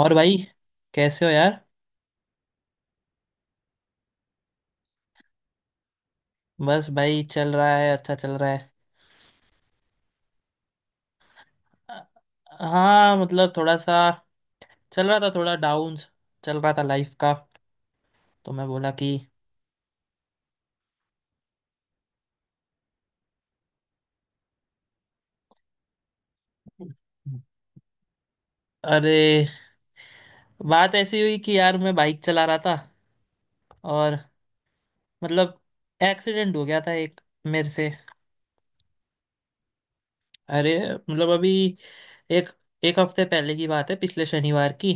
और भाई, कैसे हो यार। बस भाई, चल रहा है, अच्छा चल रहा है। अ- हाँ मतलब थोड़ा सा चल रहा था, थोड़ा डाउन चल रहा था लाइफ का। तो मैं बोला कि अरे, बात ऐसी हुई कि यार मैं बाइक चला रहा था और मतलब एक्सीडेंट हो गया था एक मेरे से। अरे मतलब अभी एक एक हफ्ते पहले की बात है, पिछले शनिवार की।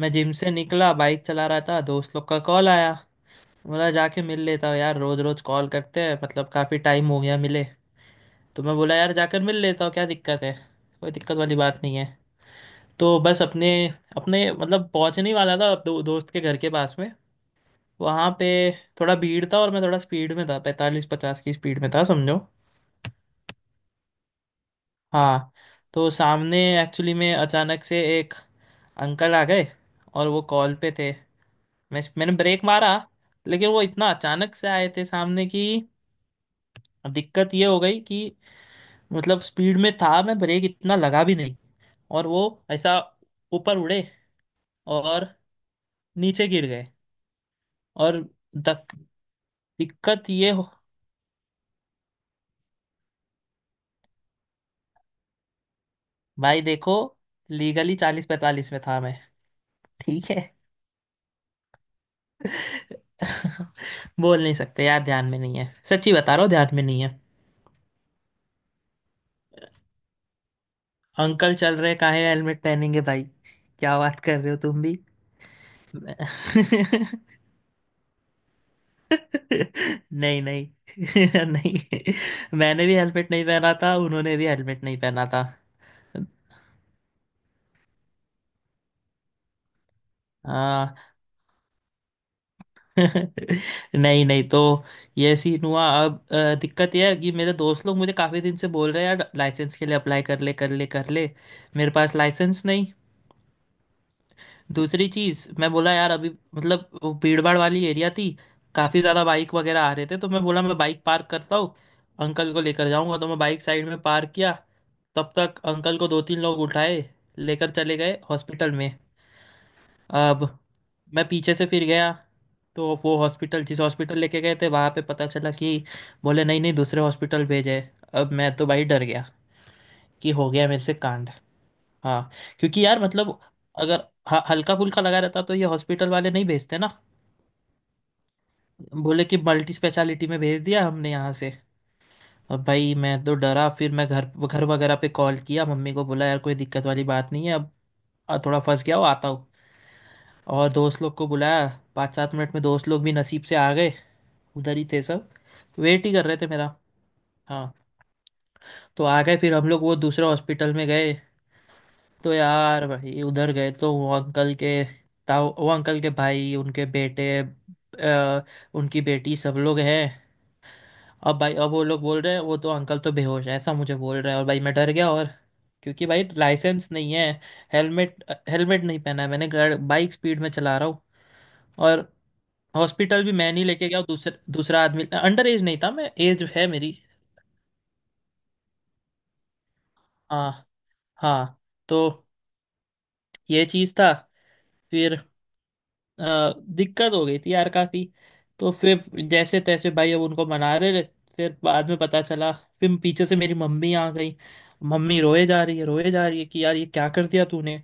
मैं जिम से निकला, बाइक चला रहा था, दोस्त लोग का कॉल आया। बोला जाके मिल लेता हूँ यार, रोज रोज कॉल करते हैं, मतलब काफी टाइम हो गया मिले। तो मैं बोला यार जाकर मिल लेता हूँ, क्या दिक्कत है, कोई दिक्कत वाली बात नहीं है। तो बस अपने अपने मतलब पहुंचने ही वाला था दोस्त के घर के पास में। वहां पे थोड़ा भीड़ था और मैं थोड़ा स्पीड में था, 45-50 की स्पीड में था समझो। हाँ, तो सामने एक्चुअली में अचानक से एक अंकल आ गए, और वो कॉल पे थे। मैंने ब्रेक मारा, लेकिन वो इतना अचानक से आए थे सामने कि दिक्कत ये हो गई कि, मतलब, स्पीड में था मैं, ब्रेक इतना लगा भी नहीं, और वो ऐसा ऊपर उड़े, और नीचे गिर गए। और दक- दिक्कत ये हो। भाई देखो, लीगली 40-45 में था मैं, ठीक है। बोल नहीं सकते यार, ध्यान में नहीं है, सच्ची बता रहा हूँ, ध्यान में नहीं है। अंकल चल रहे, काहे हेलमेट पहनेंगे भाई, क्या बात कर रहे हो तुम भी। नहीं नहीं। नहीं। मैंने भी हेलमेट नहीं पहना था, उन्होंने भी हेलमेट नहीं पहना था। हाँ। नहीं नहीं, तो ये सीन हुआ। अब दिक्कत यह है कि मेरे दोस्त लोग मुझे काफ़ी दिन से बोल रहे हैं यार लाइसेंस के लिए अप्लाई कर ले कर ले कर ले। मेरे पास लाइसेंस नहीं। दूसरी चीज़, मैं बोला यार अभी, मतलब, वो भीड़ भाड़ वाली एरिया थी, काफ़ी ज़्यादा बाइक वगैरह आ रहे थे, तो मैं बोला मैं बाइक पार्क करता हूँ, अंकल को लेकर जाऊंगा, तो मैं बाइक साइड में पार्क किया। तब तक अंकल को दो तीन लोग उठाए लेकर चले गए हॉस्पिटल में। अब मैं पीछे से फिर गया, तो वो हॉस्पिटल, जिस हॉस्पिटल लेके गए थे, वहाँ पे पता चला कि बोले नहीं नहीं, दूसरे हॉस्पिटल भेजे। अब मैं तो भाई डर गया कि हो गया मेरे से कांड। हाँ, क्योंकि यार मतलब अगर हल्का फुल्का लगा रहता तो ये हॉस्पिटल वाले नहीं भेजते ना। बोले कि मल्टी स्पेशलिटी में भेज दिया हमने यहाँ से। अब भाई मैं तो डरा, फिर मैं घर घर वगैरह पे कॉल किया, मम्मी को बोला यार कोई दिक्कत वाली बात नहीं है अब, थोड़ा फंस गया हूँ, आता हूँ। और दोस्त लोग को बुलाया। 5-7 मिनट में दोस्त लोग भी नसीब से आ गए, उधर ही थे सब, वेट ही कर रहे थे मेरा। हाँ, तो आ गए फिर हम लोग वो दूसरे हॉस्पिटल में गए। तो यार भाई उधर गए तो वो अंकल के ताऊ, वो अंकल के भाई, उनके बेटे, उनकी बेटी सब लोग हैं। अब भाई, अब वो लोग बोल रहे हैं वो तो अंकल तो बेहोश है, ऐसा मुझे बोल रहे हैं, और भाई मैं डर गया। और क्योंकि भाई लाइसेंस नहीं है, हेलमेट हेलमेट नहीं पहना है मैंने, गाड़ बाइक स्पीड में चला रहा हूँ, और हॉस्पिटल भी मैं नहीं लेके गया, दूसरा दूसरा आदमी। अंडर एज नहीं था मैं, एज है मेरी। हाँ, हाँ। तो ये चीज़ था। फिर दिक्कत हो गई थी यार काफ़ी। तो फिर जैसे तैसे भाई अब उनको मना रहे थे। फिर बाद में पता चला, फिर पीछे से मेरी मम्मी आ गई। मम्मी रोए जा रही है रोए जा रही है कि यार ये क्या कर दिया तूने,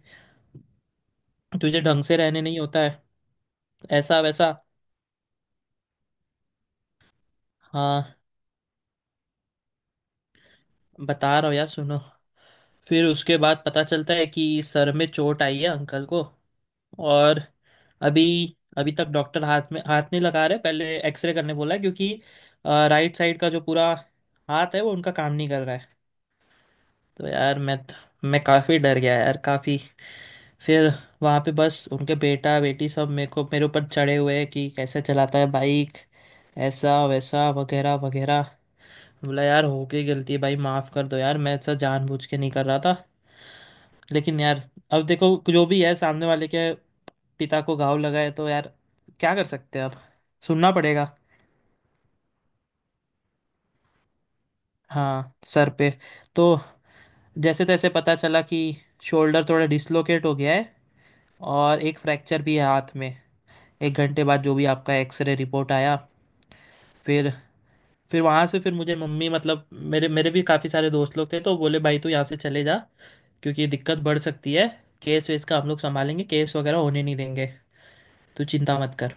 तुझे ढंग से रहने नहीं होता है, ऐसा वैसा। हाँ, बता रहा हूँ यार सुनो। फिर उसके बाद पता चलता है कि सर में चोट आई है अंकल को। और अभी अभी तक डॉक्टर हाथ में हाथ नहीं लगा रहे, पहले एक्सरे करने बोला है, क्योंकि राइट साइड का जो पूरा हाथ है वो उनका काम नहीं कर रहा है। तो यार मैं काफ़ी डर गया यार, काफ़ी। फिर वहाँ पे बस उनके बेटा बेटी सब मेरे ऊपर चढ़े हुए हैं कि कैसे चलाता है बाइक, ऐसा वैसा वगैरह वगैरह। बोला यार हो गई गलती भाई, माफ कर दो यार, मैं ऐसा जानबूझ के नहीं कर रहा था, लेकिन यार अब देखो जो भी है सामने वाले के पिता को घाव लगा है, तो यार क्या कर सकते हैं अब, सुनना पड़ेगा। हाँ, सर पे। तो जैसे तैसे पता चला कि शोल्डर थोड़ा डिसलोकेट हो गया है, और एक फ्रैक्चर भी है हाथ में, एक घंटे बाद जो भी आपका एक्सरे रिपोर्ट आया। फिर फिर वहाँ से फिर मुझे मम्मी मतलब मेरे मेरे भी काफ़ी सारे दोस्त लोग थे, तो बोले भाई तू यहाँ से चले जा, क्योंकि ये दिक्कत बढ़ सकती है, केस वेस का हम लोग संभालेंगे, केस वगैरह होने नहीं देंगे, तू चिंता मत कर।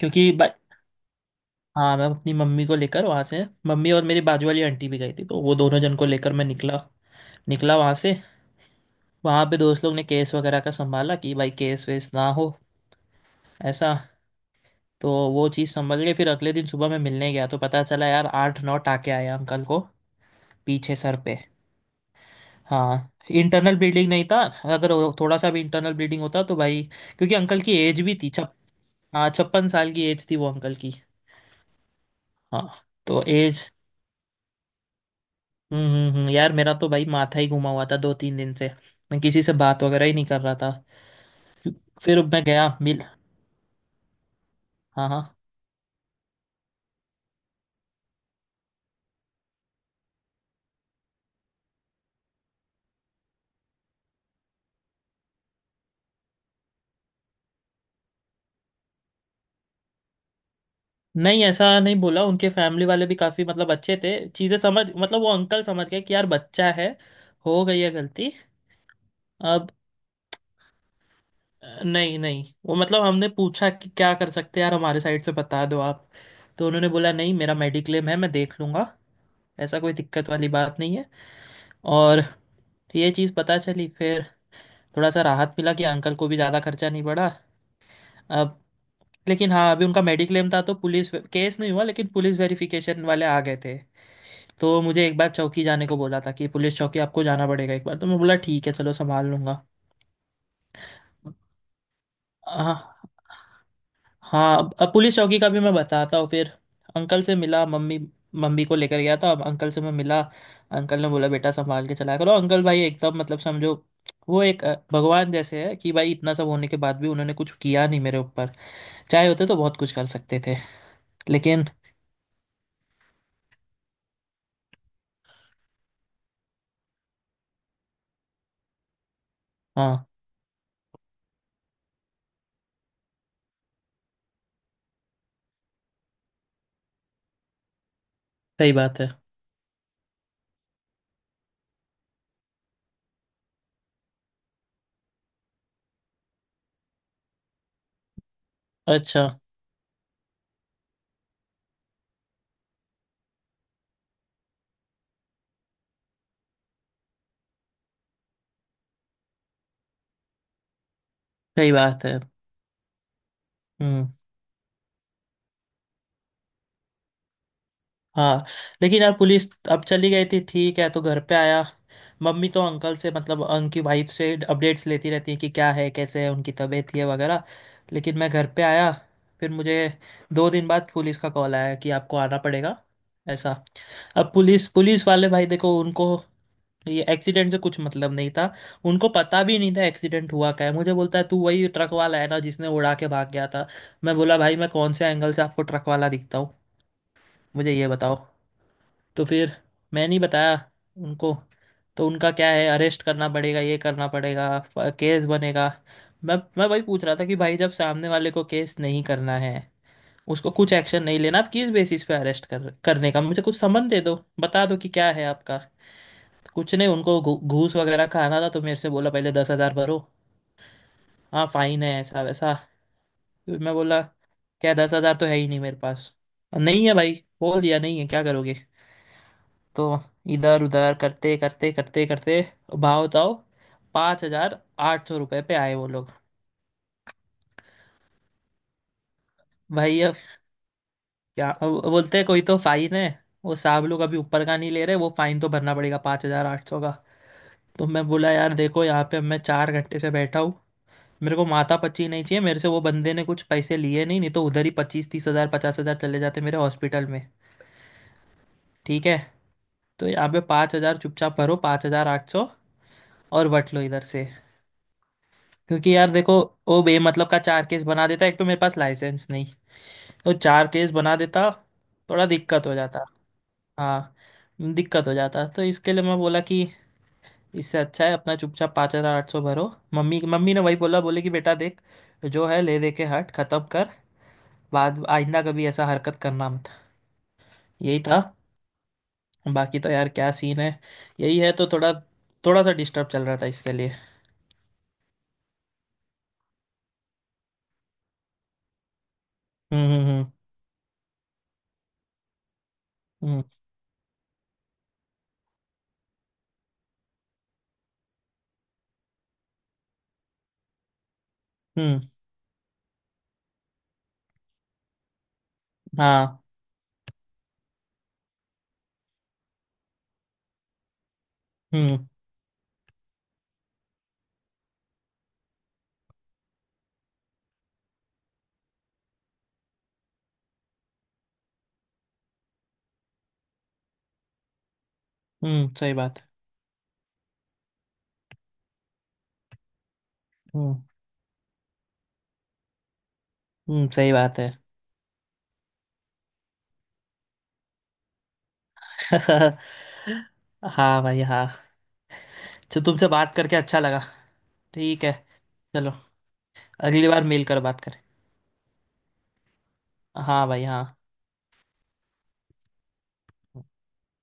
क्योंकि हाँ, मैं अपनी मम्मी को लेकर वहाँ से, मम्मी और मेरी बाजू वाली आंटी भी गई थी, तो वो दोनों जन को लेकर मैं निकला। निकला वहाँ से। वहाँ पे दोस्त लोग ने केस वगैरह का संभाला कि भाई केस वेस ना हो, ऐसा। तो वो चीज़ संभल गई। फिर अगले दिन सुबह मैं मिलने गया, तो पता चला यार 8-9 टाके आए अंकल को, पीछे सर पे। हाँ, इंटरनल ब्लीडिंग नहीं था। अगर वो थोड़ा सा भी इंटरनल ब्लीडिंग होता तो भाई, क्योंकि अंकल की एज भी थी। हाँ, 56 साल की एज थी वो अंकल की। हाँ, तो एज। यार मेरा तो भाई माथा ही घुमा हुआ था 2-3 दिन से, मैं किसी से बात वगैरह ही नहीं कर रहा था। फिर मैं गया मिल। हाँ, हाँ। नहीं, ऐसा नहीं बोला, उनके फैमिली वाले भी काफ़ी मतलब अच्छे थे, चीज़ें समझ, मतलब वो अंकल समझ गए कि यार बच्चा है, हो गई है गलती। अब नहीं नहीं, वो मतलब हमने पूछा कि क्या कर सकते हैं यार, हमारे साइड से बता दो आप। तो उन्होंने बोला नहीं, मेरा मेडिक्लेम है, मैं देख लूंगा, ऐसा, कोई दिक्कत वाली बात नहीं है। और तो ये चीज़ पता चली। फिर थोड़ा सा राहत मिला कि अंकल को भी ज़्यादा खर्चा नहीं पड़ा। अब, लेकिन हाँ, अभी उनका मेडिक्लेम था तो पुलिस केस नहीं हुआ, लेकिन पुलिस वेरिफिकेशन वाले आ गए थे। तो मुझे एक बार चौकी जाने को बोला था कि पुलिस चौकी आपको जाना पड़ेगा एक बार, तो मैं बोला ठीक है चलो, संभाल लूंगा। हाँ, हाँ। अब पुलिस चौकी का भी मैं बताता हूँ फिर। अंकल से मिला। मम्मी मम्मी को लेकर गया था, अब अंकल से मैं मिला। अंकल ने बोला बेटा संभाल के चलाया करो। अंकल भाई एकदम, मतलब, समझो वो एक भगवान जैसे है कि भाई इतना सब होने के बाद भी उन्होंने कुछ किया नहीं मेरे ऊपर, चाहे होते तो बहुत कुछ कर सकते थे। लेकिन हाँ, सही बात है, अच्छा, सही बात है। हम्म, हाँ। लेकिन यार पुलिस अब चली गई थी, ठीक है, तो घर पे आया। मम्मी तो अंकल से, मतलब, उनकी वाइफ से अपडेट्स लेती रहती है कि क्या है, कैसे है उनकी तबीयत है वगैरह। लेकिन मैं घर पे आया, फिर मुझे 2 दिन बाद पुलिस का कॉल आया कि आपको आना पड़ेगा, ऐसा। अब पुलिस पुलिस वाले भाई देखो, उनको ये एक्सीडेंट से कुछ मतलब नहीं था, उनको पता भी नहीं था एक्सीडेंट हुआ क्या है, मुझे बोलता है तू वही ट्रक वाला है ना जिसने उड़ा के भाग गया था। मैं बोला भाई मैं कौन से एंगल से आपको ट्रक वाला दिखता हूँ, मुझे ये बताओ। तो फिर मैं नहीं बताया उनको। तो उनका क्या है, अरेस्ट करना पड़ेगा, ये करना पड़ेगा, केस बनेगा। मैं वही पूछ रहा था कि भाई जब सामने वाले को केस नहीं करना है, उसको कुछ एक्शन नहीं लेना, आप किस बेसिस पे अरेस्ट कर करने का, मुझे कुछ समन दे दो, बता दो कि क्या है आपका। कुछ नहीं, उनको घूस वगैरह खाना था, तो मेरे से बोला पहले 10,000 भरो, हाँ फाइन है ऐसा वैसा। फिर मैं बोला क्या, 10,000 तो है ही नहीं मेरे पास, नहीं है भाई, बोल दिया नहीं है, क्या करोगे। तो इधर उधर करते करते करते करते, भाव ताव 5,800 रुपये पे आए वो लोग। भाई अब क्या, अब बोलते हैं कोई तो फाइन है, वो साहब लोग अभी ऊपर का नहीं ले रहे, वो फाइन तो भरना पड़ेगा 5,800 का। तो मैं बोला यार देखो, यहाँ पे मैं 4 घंटे से बैठा हूँ, मेरे को माथा पच्ची नहीं चाहिए, मेरे से वो बंदे ने कुछ पैसे लिए नहीं, नहीं तो उधर ही 25-30 हजार, 50 हजार चले जाते मेरे हॉस्पिटल में, ठीक है। तो यहाँ पे 5,000 चुपचाप भरो, 5,800, और बट लो इधर से। क्योंकि यार देखो वो बेमतलब का चार केस बना देता, एक तो मेरे पास लाइसेंस नहीं, तो चार केस बना देता, थोड़ा दिक्कत हो जाता। हाँ, दिक्कत हो जाता, तो इसके लिए मैं बोला कि इससे अच्छा है अपना चुपचाप 5,800 भरो। मम्मी मम्मी ने वही बोला, बोले कि बेटा देख जो है ले दे के हट खत्म कर, बाद आइंदा कभी ऐसा हरकत करना मत। यही था। बाकी तो यार क्या सीन है, यही है, तो थोड़ा थोड़ा सा डिस्टर्ब चल रहा था इसके लिए। हम्म, हम्म, हम्म, हम्म, हाँ। हम्म, हम्म, सही बात है। हम्म, हम्म, सही बात है। हाँ भाई, हाँ। तो तुमसे बात करके अच्छा लगा। ठीक है चलो, अगली बार मेल कर बात करें। हाँ भाई, हाँ।